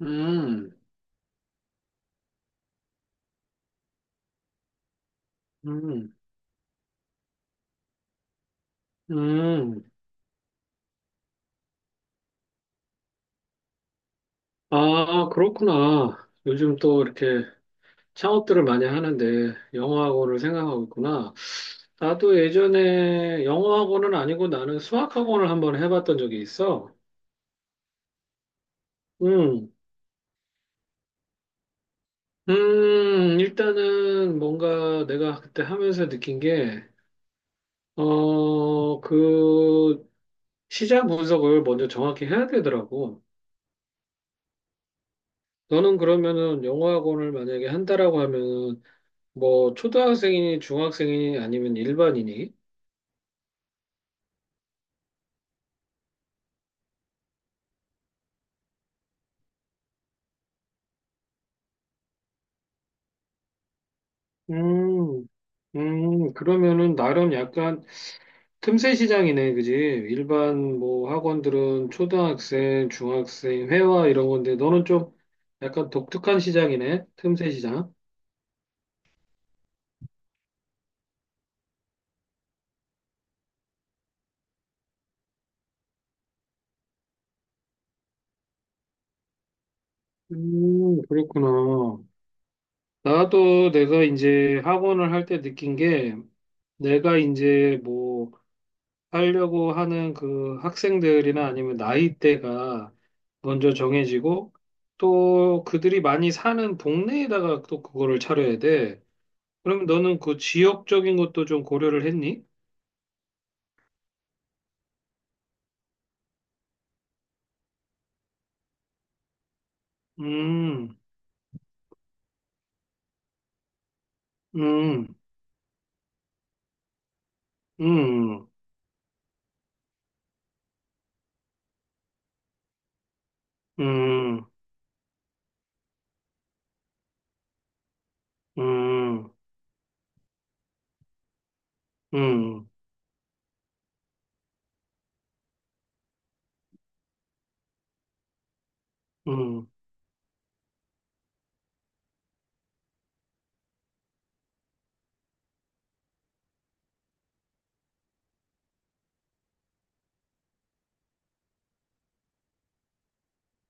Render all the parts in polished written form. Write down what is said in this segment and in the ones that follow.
음, 음, 음. 아, 그렇구나. 요즘 또 이렇게 창업들을 많이 하는데 영어학원을 생각하고 있구나. 나도 예전에 영어학원은 아니고 나는 수학학원을 한번 해봤던 적이 있어. 음, 일단은 뭔가 내가 그때 하면서 느낀 게, 그 시장 분석을 먼저 정확히 해야 되더라고. 너는 그러면은 영어학원을 만약에 한다라고 하면은 뭐 초등학생이니 중학생이니 아니면 일반인이? 음, 그러면은 나름 약간 틈새 시장이네, 그지? 일반 뭐 학원들은 초등학생, 중학생, 회화 이런 건데 너는 좀 약간 독특한 시장이네, 틈새 시장. 그렇구나. 나도 내가 이제 학원을 할 때 느낀 게 내가 이제 뭐 하려고 하는 그 학생들이나 아니면 나이대가 먼저 정해지고 또 그들이 많이 사는 동네에다가 또 그거를 차려야 돼. 그럼 너는 그 지역적인 것도 좀 고려를 했니? 음, 음, 음, 음, 음, 음, 음,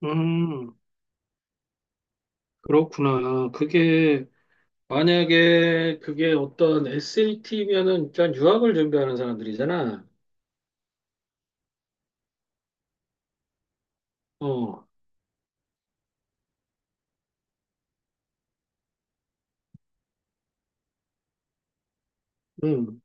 음. 그렇구나. 그게 만약에 그게 어떤 SAT면은 일단 유학을 준비하는 사람들이잖아. 어, 음.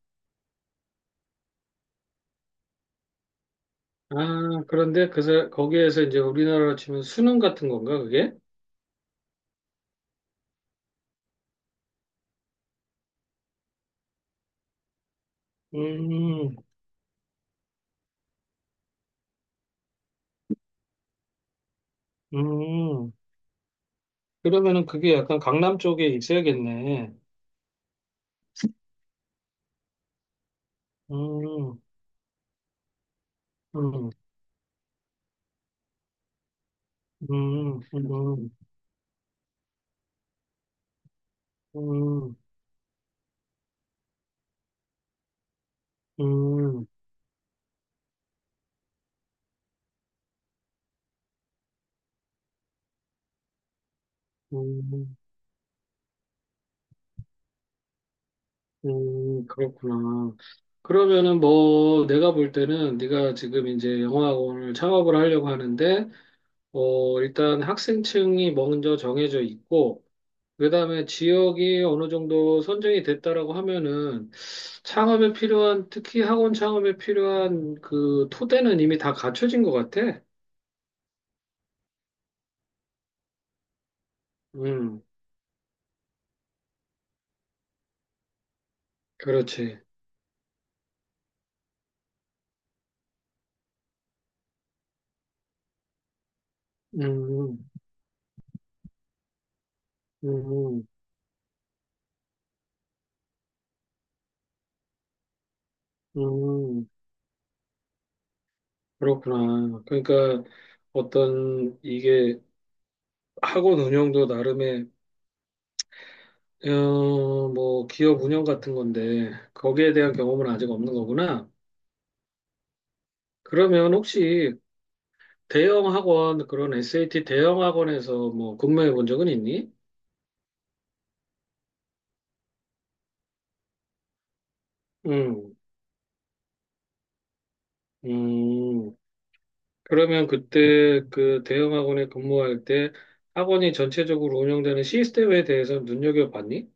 아, 그런데 거기에서 이제 우리나라로 치면 수능 같은 건가 그게? 음, 음, 그러면은 그게 약간 강남 쪽에 있어야겠네. 음, 음, 음, 음, 음, 음, 음, 그렇구나. 그러면은 뭐 내가 볼 때는 네가 지금 이제 영어학원을 창업을 하려고 하는데, 일단 학생층이 먼저 정해져 있고, 그다음에 지역이 어느 정도 선정이 됐다라고 하면은 창업에 필요한 특히 학원 창업에 필요한 그 토대는 이미 다 갖춰진 것 같아. 음, 그렇지. 음, 음, 음, 음, 음. 그렇구나. 그러니까 어떤 이게 학원 운영도 나름의 뭐 기업 운영 같은 건데 거기에 대한 경험은 아직 없는 거구나. 그러면 혹시 대형 학원, 그런 SAT 대형 학원에서 뭐 근무해 본 적은 있니? 음, 음. 그러면 그때 그 대형 학원에 근무할 때 학원이 전체적으로 운영되는 시스템에 대해서 눈여겨봤니?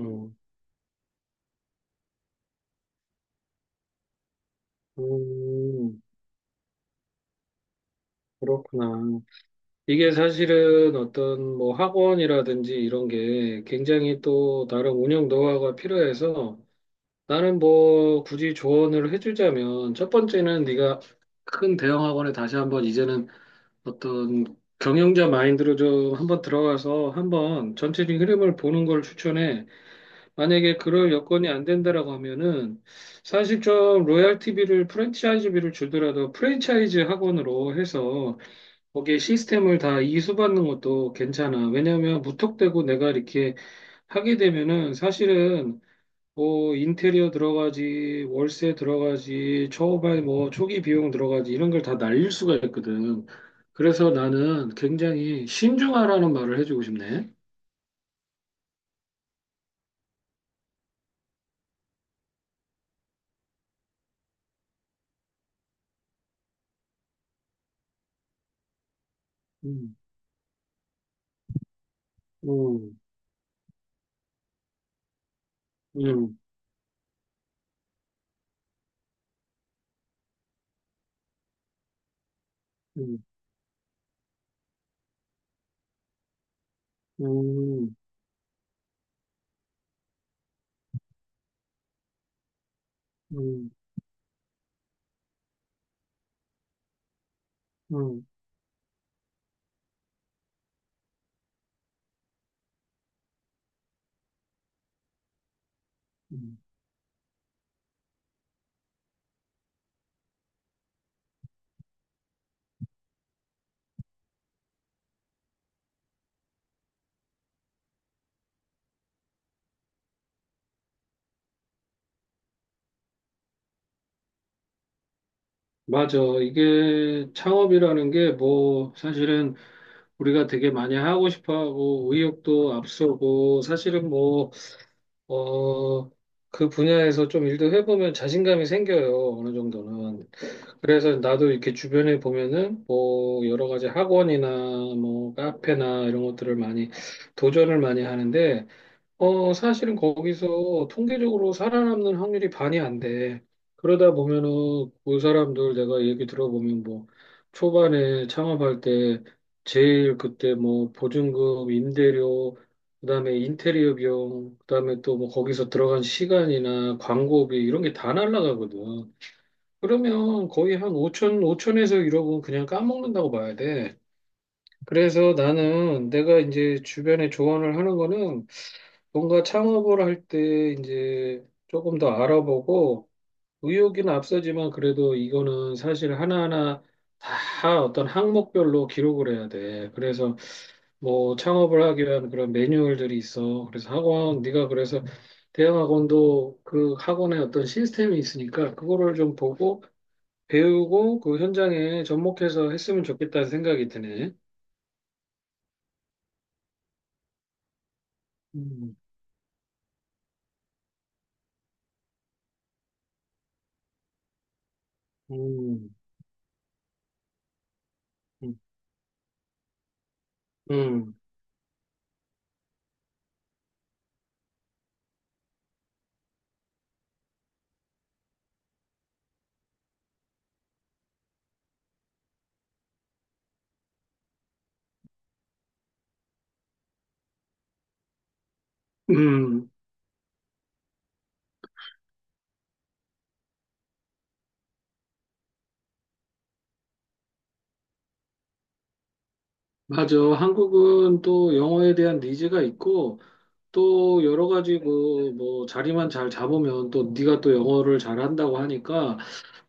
음, 음, 그렇구나. 이게 사실은 어떤 뭐 학원이라든지 이런 게 굉장히 또 다른 운영 노하우가 필요해서 나는 뭐 굳이 조언을 해주자면 첫 번째는 네가 큰 대형 학원에 다시 한번 이제는 어떤 경영자 마인드로 좀 한번 들어가서 한번 전체적인 흐름을 보는 걸 추천해. 만약에 그럴 여건이 안 된다라고 하면은 사실 좀 로얄티비를 프랜차이즈비를 주더라도 프랜차이즈 학원으로 해서 거기에 시스템을 다 이수받는 것도 괜찮아. 왜냐하면 무턱대고 내가 이렇게 하게 되면은 사실은 뭐 인테리어 들어가지, 월세 들어가지, 초반 뭐 초기 비용 들어가지 이런 걸 다 날릴 수가 있거든. 그래서 나는 굉장히 신중하라는 말을 해주고 싶네. 음, 음, 음, 음, 음, 음, 음. 음. 맞아. 이게 창업이라는 게 뭐 사실은 우리가 되게 많이 하고 싶어 하고 의욕도 앞서고 사실은 뭐, 어, 그 분야에서 좀 일도 해보면 자신감이 생겨요. 어느 정도는. 그래서 나도 이렇게 주변에 보면은 뭐 여러 가지 학원이나 뭐 카페나 이런 것들을 많이 도전을 많이 하는데 사실은 거기서 통계적으로 살아남는 확률이 반이 안 돼. 그러다 보면은 그 사람들 내가 얘기 들어보면 뭐 초반에 창업할 때 제일 그때 뭐 보증금, 임대료, 그다음에 인테리어 비용, 그다음에 또 뭐 거기서 들어간 시간이나 광고비 이런 게 다 날라가거든. 그러면 거의 한 5천, 5천에서 1억은 그냥 까먹는다고 봐야 돼. 그래서 나는 내가 이제 주변에 조언을 하는 거는 뭔가 창업을 할 때 이제 조금 더 알아보고 의욕은 앞서지만 그래도 이거는 사실 하나하나 다 어떤 항목별로 기록을 해야 돼. 그래서 뭐 창업을 하기 위한 그런 매뉴얼들이 있어. 그래서 학원, 네가 그래서 대형 학원도 그 학원에 어떤 시스템이 있으니까 그거를 좀 보고 배우고 그 현장에 접목해서 했으면 좋겠다는 생각이 드네. 음, 음, 음, 음, 음, 맞아. 한국은 또 영어에 대한 니즈가 있고 또 여러 가지 그뭐 자리만 잘 잡으면 또 네가 또 영어를 잘한다고 하니까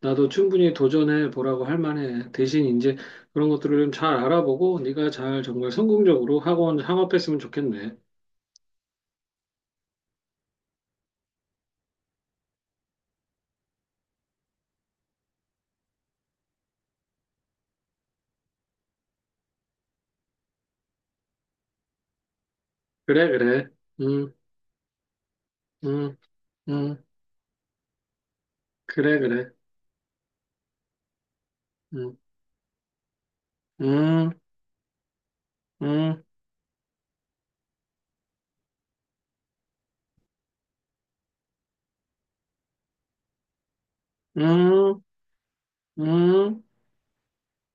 나도 충분히 도전해 보라고 할 만해. 대신 이제 그런 것들을 좀 잘 알아보고 네가 잘 정말 성공적으로 학원 창업했으면 좋겠네. 그래, 그래. 음, 음, 음, 그래, 그래. 음, 음. 음, 음, 음.